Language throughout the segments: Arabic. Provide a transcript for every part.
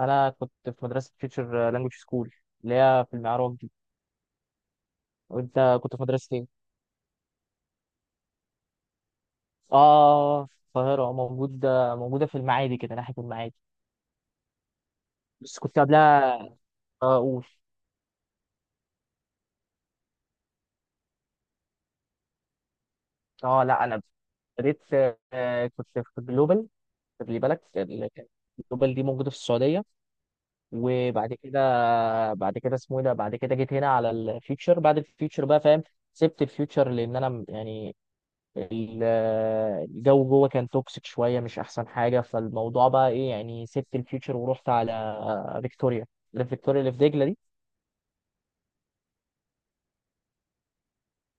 انا كنت في مدرسه فيوتشر لانجوج سكول اللي هي في المعراج دي. وانت كنت في مدرسه ايه؟ اه، في القاهره، موجوده في المعادي كده، ناحيه المعادي. بس كنت قبلها اقول، اه لا انا بديت، كنت في جلوبال. خلي بالك، جلوبال دي موجوده في السعوديه، وبعد كده، بعد كده اسمه ايه ده، بعد كده جيت هنا على الفيوتشر بعد الفيوتشر بقى، فاهم؟ سبت الفيوتشر لان انا يعني ال- الجو جوه كان توكسيك شويه، مش احسن حاجه، فالموضوع بقى ايه يعني. سبت الفيوتشر ورحت على فيكتوريا، اللي في فيكتوريا اللي في دجله دي.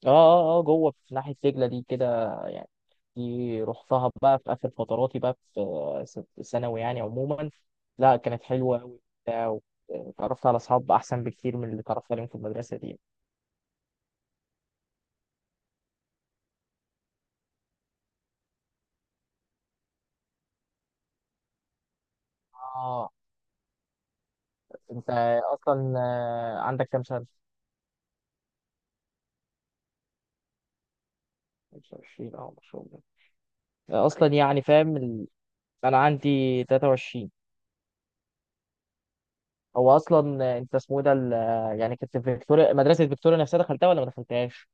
اه اه اه، جوه في ناحيه دجله دي كده يعني. دي رحتها بقى في اخر فتراتي بقى في ثانوي يعني عموما. لا كانت حلوه قوي، اتعرفت على اصحاب احسن بكتير من اللي اتعرفت عليهم في المدرسه دي. اه، انت اصلا عندك كام سنه؟ 25، اه ما شاء الله، اصلا يعني فاهم، انا عندي 23. هو اصلا انت اسمه ده يعني كنت في فيكتوريا، مدرسه فيكتوريا نفسها دخلتها ولا ما دخلتهاش؟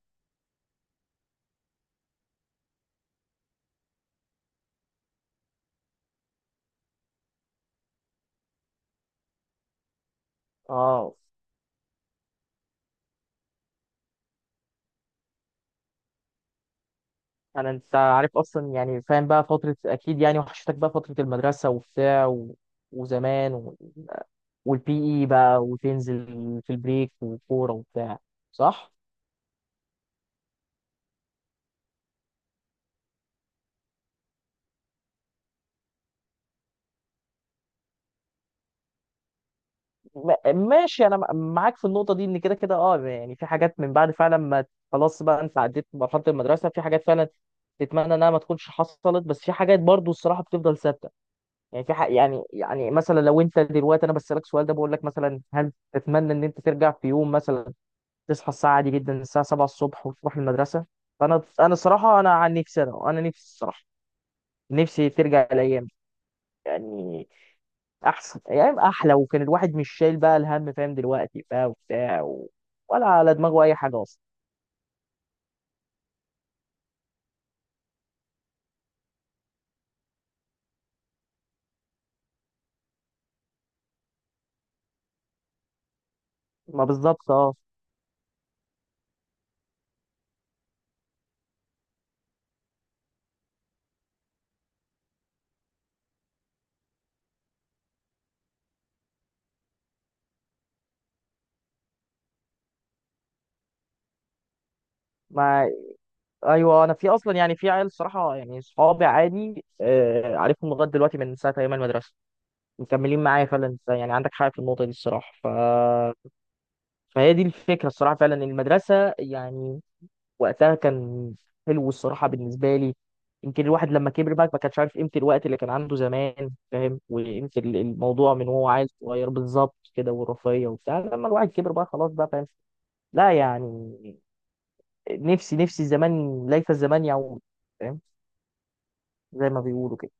اه، انا انت عارف اصلا يعني، فاهم بقى فتره، اكيد يعني وحشتك بقى فتره المدرسه وبتاع وزمان والبي اي بقى، وتنزل في البريك وكوره وبتاع، صح؟ م... ماشي، انا معاك في النقطه دي، ان كده كده اه يعني في حاجات من بعد فعلا ما، خلاص بقى انت عديت مرحله المدرسه، في حاجات فعلا تتمنى انها ما تكونش حصلت، بس في حاجات برضو الصراحه بتفضل ثابته، يعني في حق يعني. يعني مثلا لو انت دلوقتي، انا بسألك السؤال ده، بقول لك مثلا هل تتمنى ان انت ترجع في يوم مثلا تصحى الساعة عادي جدا الساعة 7 الصبح وتروح المدرسة؟ فانا انا الصراحة، انا عن نفسي، انا نفسي الصراحة، نفسي ترجع الايام دي. يعني احسن ايام احلى، وكان الواحد مش شايل بقى الهم، فاهم؟ دلوقتي بقى وبتاع ولا على دماغه اي حاجه اصلا. ما بالظبط اه. ما ايوه، انا في اصلا يعني في عيال صراحه يعني، صحابي عادي آه عارفهم لغايه دلوقتي من ساعه ايام المدرسه، مكملين معايا فعلا. إنت يعني عندك حق في النقطه دي الصراحه. فهي دي الفكره الصراحه، فعلا المدرسه يعني وقتها كان حلو الصراحه بالنسبه لي. يمكن الواحد لما كبر بقى ما كانش عارف قيمه الوقت اللي كان عنده زمان، فاهم؟ وقيمه الموضوع من وهو عيل صغير بالظبط كده، والرفاهيه وبتاع، لما الواحد كبر بقى خلاص بقى فاهم. لا يعني، نفسي زمان، ليت الزمان يعود، فاهم، زي ما بيقولوا كده.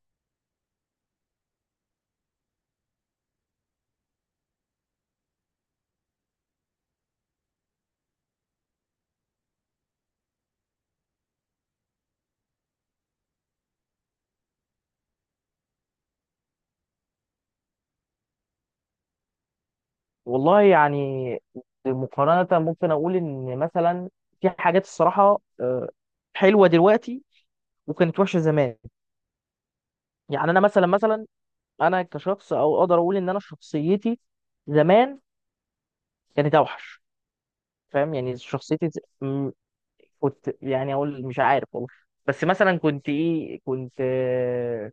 والله يعني مقارنة، ممكن أقول إن مثلا في حاجات الصراحة حلوة دلوقتي، وكانت وحشة زمان. يعني أنا مثلا، مثلا أنا كشخص، أو أقدر أقول إن أنا شخصيتي زمان كانت أوحش. فاهم يعني شخصيتي كنت يعني أقول مش عارف والله، بس مثلا كنت إيه، كنت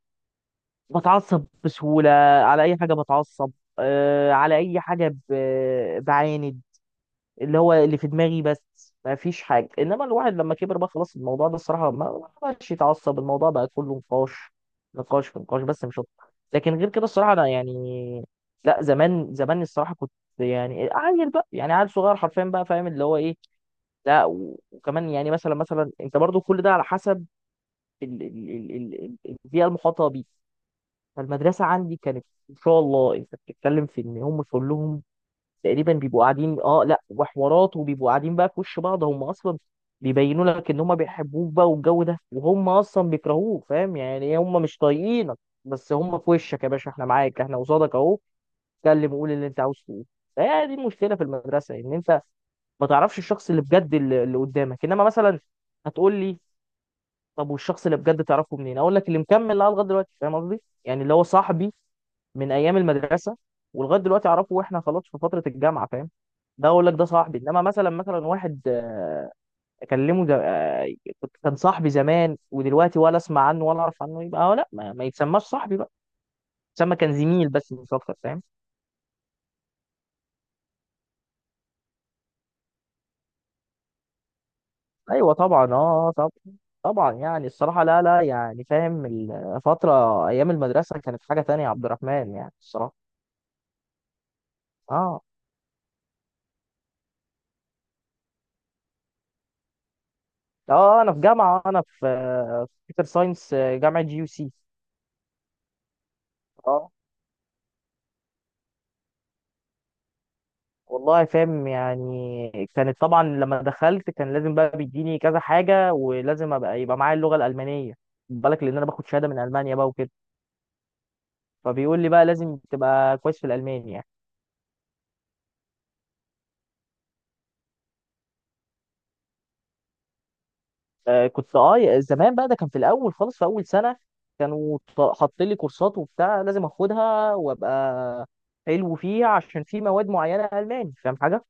بتعصب بسهولة، على أي حاجة بتعصب، على أي حاجة بعاند، اللي هو اللي في دماغي بس، ما فيش حاجه. انما الواحد لما كبر بقى خلاص، الموضوع ده الصراحه ما بقاش يتعصب، الموضوع بقى كله نقاش، نقاش في نقاش بس، مش اكتر. لكن غير كده الصراحه انا يعني لا، زمان الصراحه كنت يعني عيل بقى، يعني عيل صغير حرفيا بقى، فاهم اللي هو ايه. لا، وكمان يعني مثلا، مثلا انت برضو كل ده على حسب البيئه المحاطه بيك. فالمدرسه عندي كانت ان شاء الله، انت بتتكلم في ان هم كلهم تقريبا بيبقوا قاعدين، اه لا وحوارات، وبيبقوا قاعدين بقى في وش بعض، هم اصلا بيبينوا لك ان هم بيحبوك بقى والجو ده، وهم اصلا بيكرهوك، فاهم يعني هم مش طايقينك، بس هم في وشك يا باشا، احنا معاك احنا قصادك اهو، اتكلم قول اللي انت عاوز تقوله. فهي دي المشكله في المدرسه، ان انت ما تعرفش الشخص اللي بجد اللي قدامك. انما مثلا هتقول لي طب والشخص اللي بجد تعرفه منين؟ اقول لك اللي مكمل معاه لغايه دلوقتي، فاهم قصدي يعني، اللي هو صاحبي من ايام المدرسه ولغايه دلوقتي اعرفه، واحنا خلاص في فتره الجامعه، فاهم؟ ده اقول لك ده صاحبي. انما مثلا، مثلا واحد اكلمه ده، كان صاحبي زمان ودلوقتي ولا اسمع عنه ولا اعرف عنه، يبقى لا ما يتسماش صاحبي بقى، يتسمى كان زميل بس، مش اكتر فاهم. ايوه طبعا اه طبعا، طبعا يعني الصراحه لا لا يعني فاهم. الفتره ايام المدرسه كانت حاجه تانية يا عبد الرحمن، يعني الصراحه. اه اه، انا في جامعه، انا في في كمبيوتر ساينس، جامعه جي يو سي. اه والله، فاهم يعني كانت، طبعا لما دخلت كان لازم بقى بيديني كذا حاجه، ولازم ابقى يبقى معايا اللغه الالمانيه، خد بالك، لان انا باخد شهاده من المانيا بقى وكده. فبيقول لي بقى لازم تبقى كويس في الالماني يعني. آه كنت اه زمان بقى، ده كان في الاول خالص في اول سنه، كانوا حاطين لي كورسات وبتاع لازم اخدها، وابقى حلو فيها، عشان في مواد معينه الماني، فاهم حاجه.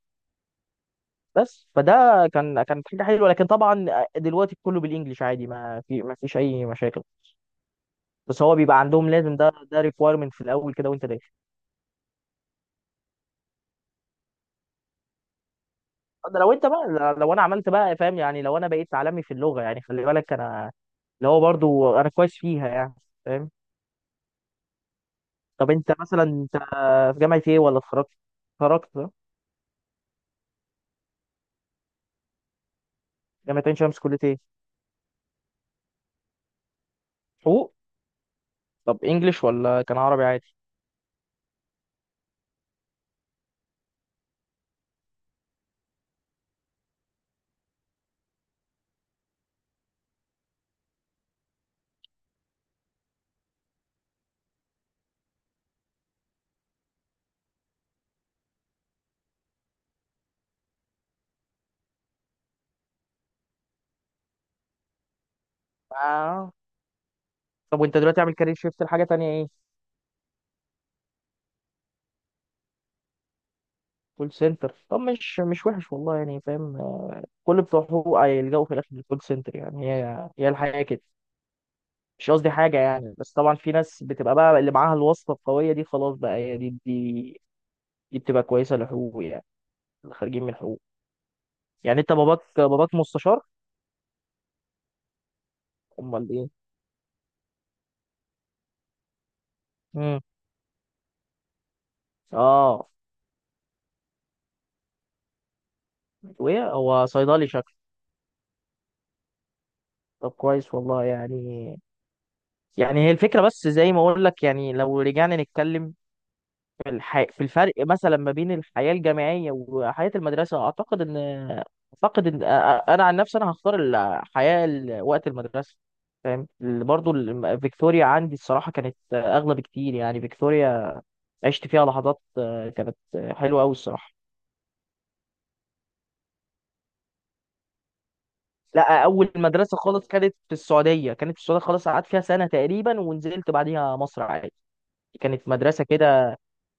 بس فده كان، كانت حاجه حلوه. لكن طبعا دلوقتي كله بالانجلش عادي، ما فيش اي مشاكل، بس هو بيبقى عندهم لازم، ده ده ريكويرمنت في الاول كده وانت داخل. ده لو انت بقى، لو انا عملت بقى، فاهم يعني لو انا بقيت عالمي في اللغه يعني، خلي بالك انا اللي هو برضو انا كويس فيها يعني، فاهم. طب انت مثلا، انت في جامعه ايه، ولا اتخرجت؟ اتخرجت اه؟ جامعه عين شمس، كليه ايه؟ حقوق. طب انجلش ولا كان عربي عادي؟ آه. طب وانت دلوقتي عامل كارير شيفت لحاجه تانية ايه؟ كول سنتر. طب مش مش وحش والله يعني فاهم، كل بتوعه هيلجأوا في الاخر للكول سنتر يعني، هي هي الحقيقه كده. مش قصدي حاجه يعني، بس طبعا في ناس بتبقى بقى، اللي معاها الواسطه القويه دي خلاص بقى، هي دي دي، دي بتبقى كويسه لحقوق يعني، اللي خارجين من حقوق. يعني انت باباك، باباك مستشار؟ امال ايه؟ امم، اه. وايه، هو صيدلي شكله؟ طب كويس والله يعني. يعني هي الفكره، بس زي ما اقول لك يعني، لو رجعنا نتكلم في في الفرق مثلا ما بين الحياة الجامعية وحياة المدرسة، أعتقد إن، أعتقد إن أنا عن نفسي أنا هختار الحياة وقت المدرسة، فاهم. برضو فيكتوريا عندي الصراحة كانت أغلى بكتير، يعني فيكتوريا عشت فيها لحظات كانت حلوة أوي الصراحة. لا، أول مدرسة خالص كانت في السعودية، كانت في السعودية خالص، قعدت فيها سنة تقريبا، ونزلت بعديها مصر عادي. كانت مدرسة كده،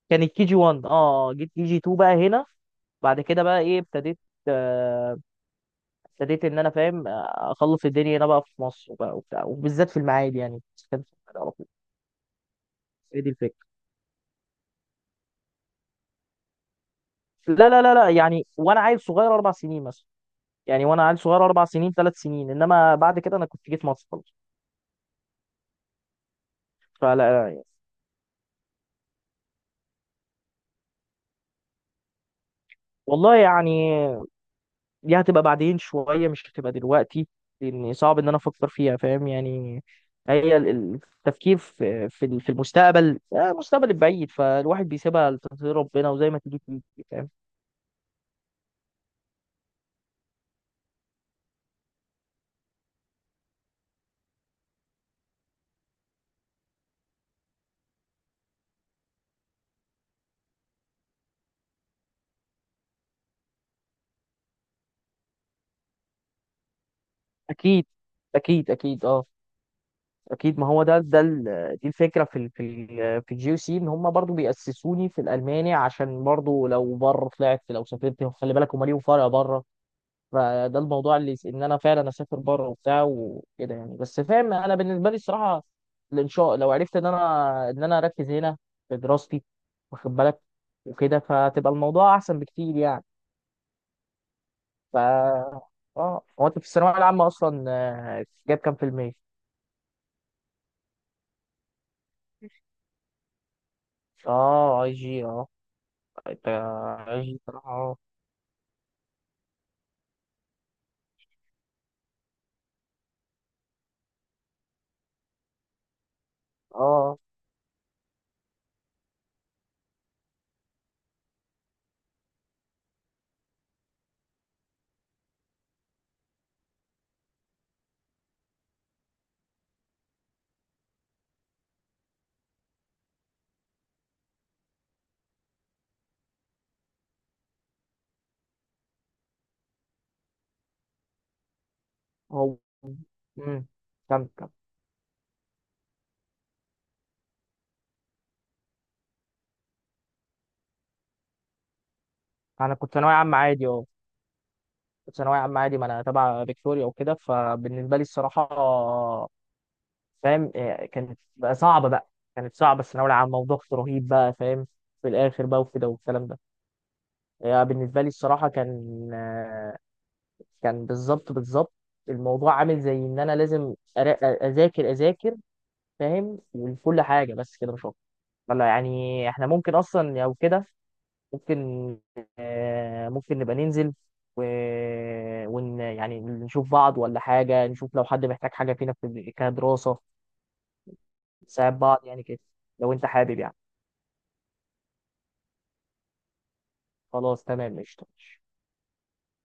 كانت كي جي 1، اه جيت كي جي 2 بقى هنا. بعد كده بقى ايه ابتديت، آه، ابتديت ان انا، فاهم، اخلص الدنيا هنا بقى في مصر بقى وبتاع، وبالذات في المعادي يعني، بس كان في المعادي على طول. هي دي الفكره، لا يعني وانا عيل صغير اربع سنين مثلا. يعني وانا عيل صغير اربع سنين، ثلاث سنين، انما بعد كده انا كنت جيت مصر خلاص. فلا يعني. والله يعني دي هتبقى بعدين شويه، مش هتبقى دلوقتي، لان صعب ان انا افكر فيها، فاهم يعني. هي التفكير في المستقبل، المستقبل البعيد، فالواحد بيسيبها لتقدير ربنا، وزي ما تيجي تيجي، فاهم. اكيد، اكيد اه. اكيد، ما هو ده ده دي الفكره في ال في ال في الجي سي، ان هم برضو بيأسسوني في الالماني، عشان برضو لو بره طلعت، لو سافرت، خلي بالك هم ليهم فرق بره. فده الموضوع اللي ان انا فعلا اسافر بره وبتاع وكده يعني. بس فاهم، انا بالنسبه لي الصراحه، الانشاء لو عرفت ان انا، ان انا اركز هنا في دراستي، واخد بالك وكده، فتبقى الموضوع احسن بكتير يعني. ف، اه هو انت في الثانويه العامه اصلا جاب كام في المية؟ اه اي جي اه. انت عايش بصراحة اه. اه هو امم، كم. انا كنت ثانوية عامة عادي اه، كنت ثانوية عامة عادي، ما انا تبع فيكتوريا وكده، فبالنسبة لي الصراحة، فاهم إيه، كانت بقى صعبة بقى، كانت صعبة الثانوية العامة، وضغط رهيب بقى، فاهم، في الآخر بقى وكده والكلام ده. يعني بالنسبة لي الصراحة كان كان، بالظبط الموضوع عامل زي ان انا لازم اذاكر، اذاكر، فاهم، وكل حاجة بس كده، مش اكتر. ولا يعني احنا ممكن اصلا، او كده ممكن، ممكن نبقى ننزل و... ون يعني نشوف بعض، ولا حاجة نشوف لو حد محتاج حاجة فينا في كدراسة، نساعد بعض يعني كده، لو انت حابب يعني. خلاص تمام قشطة.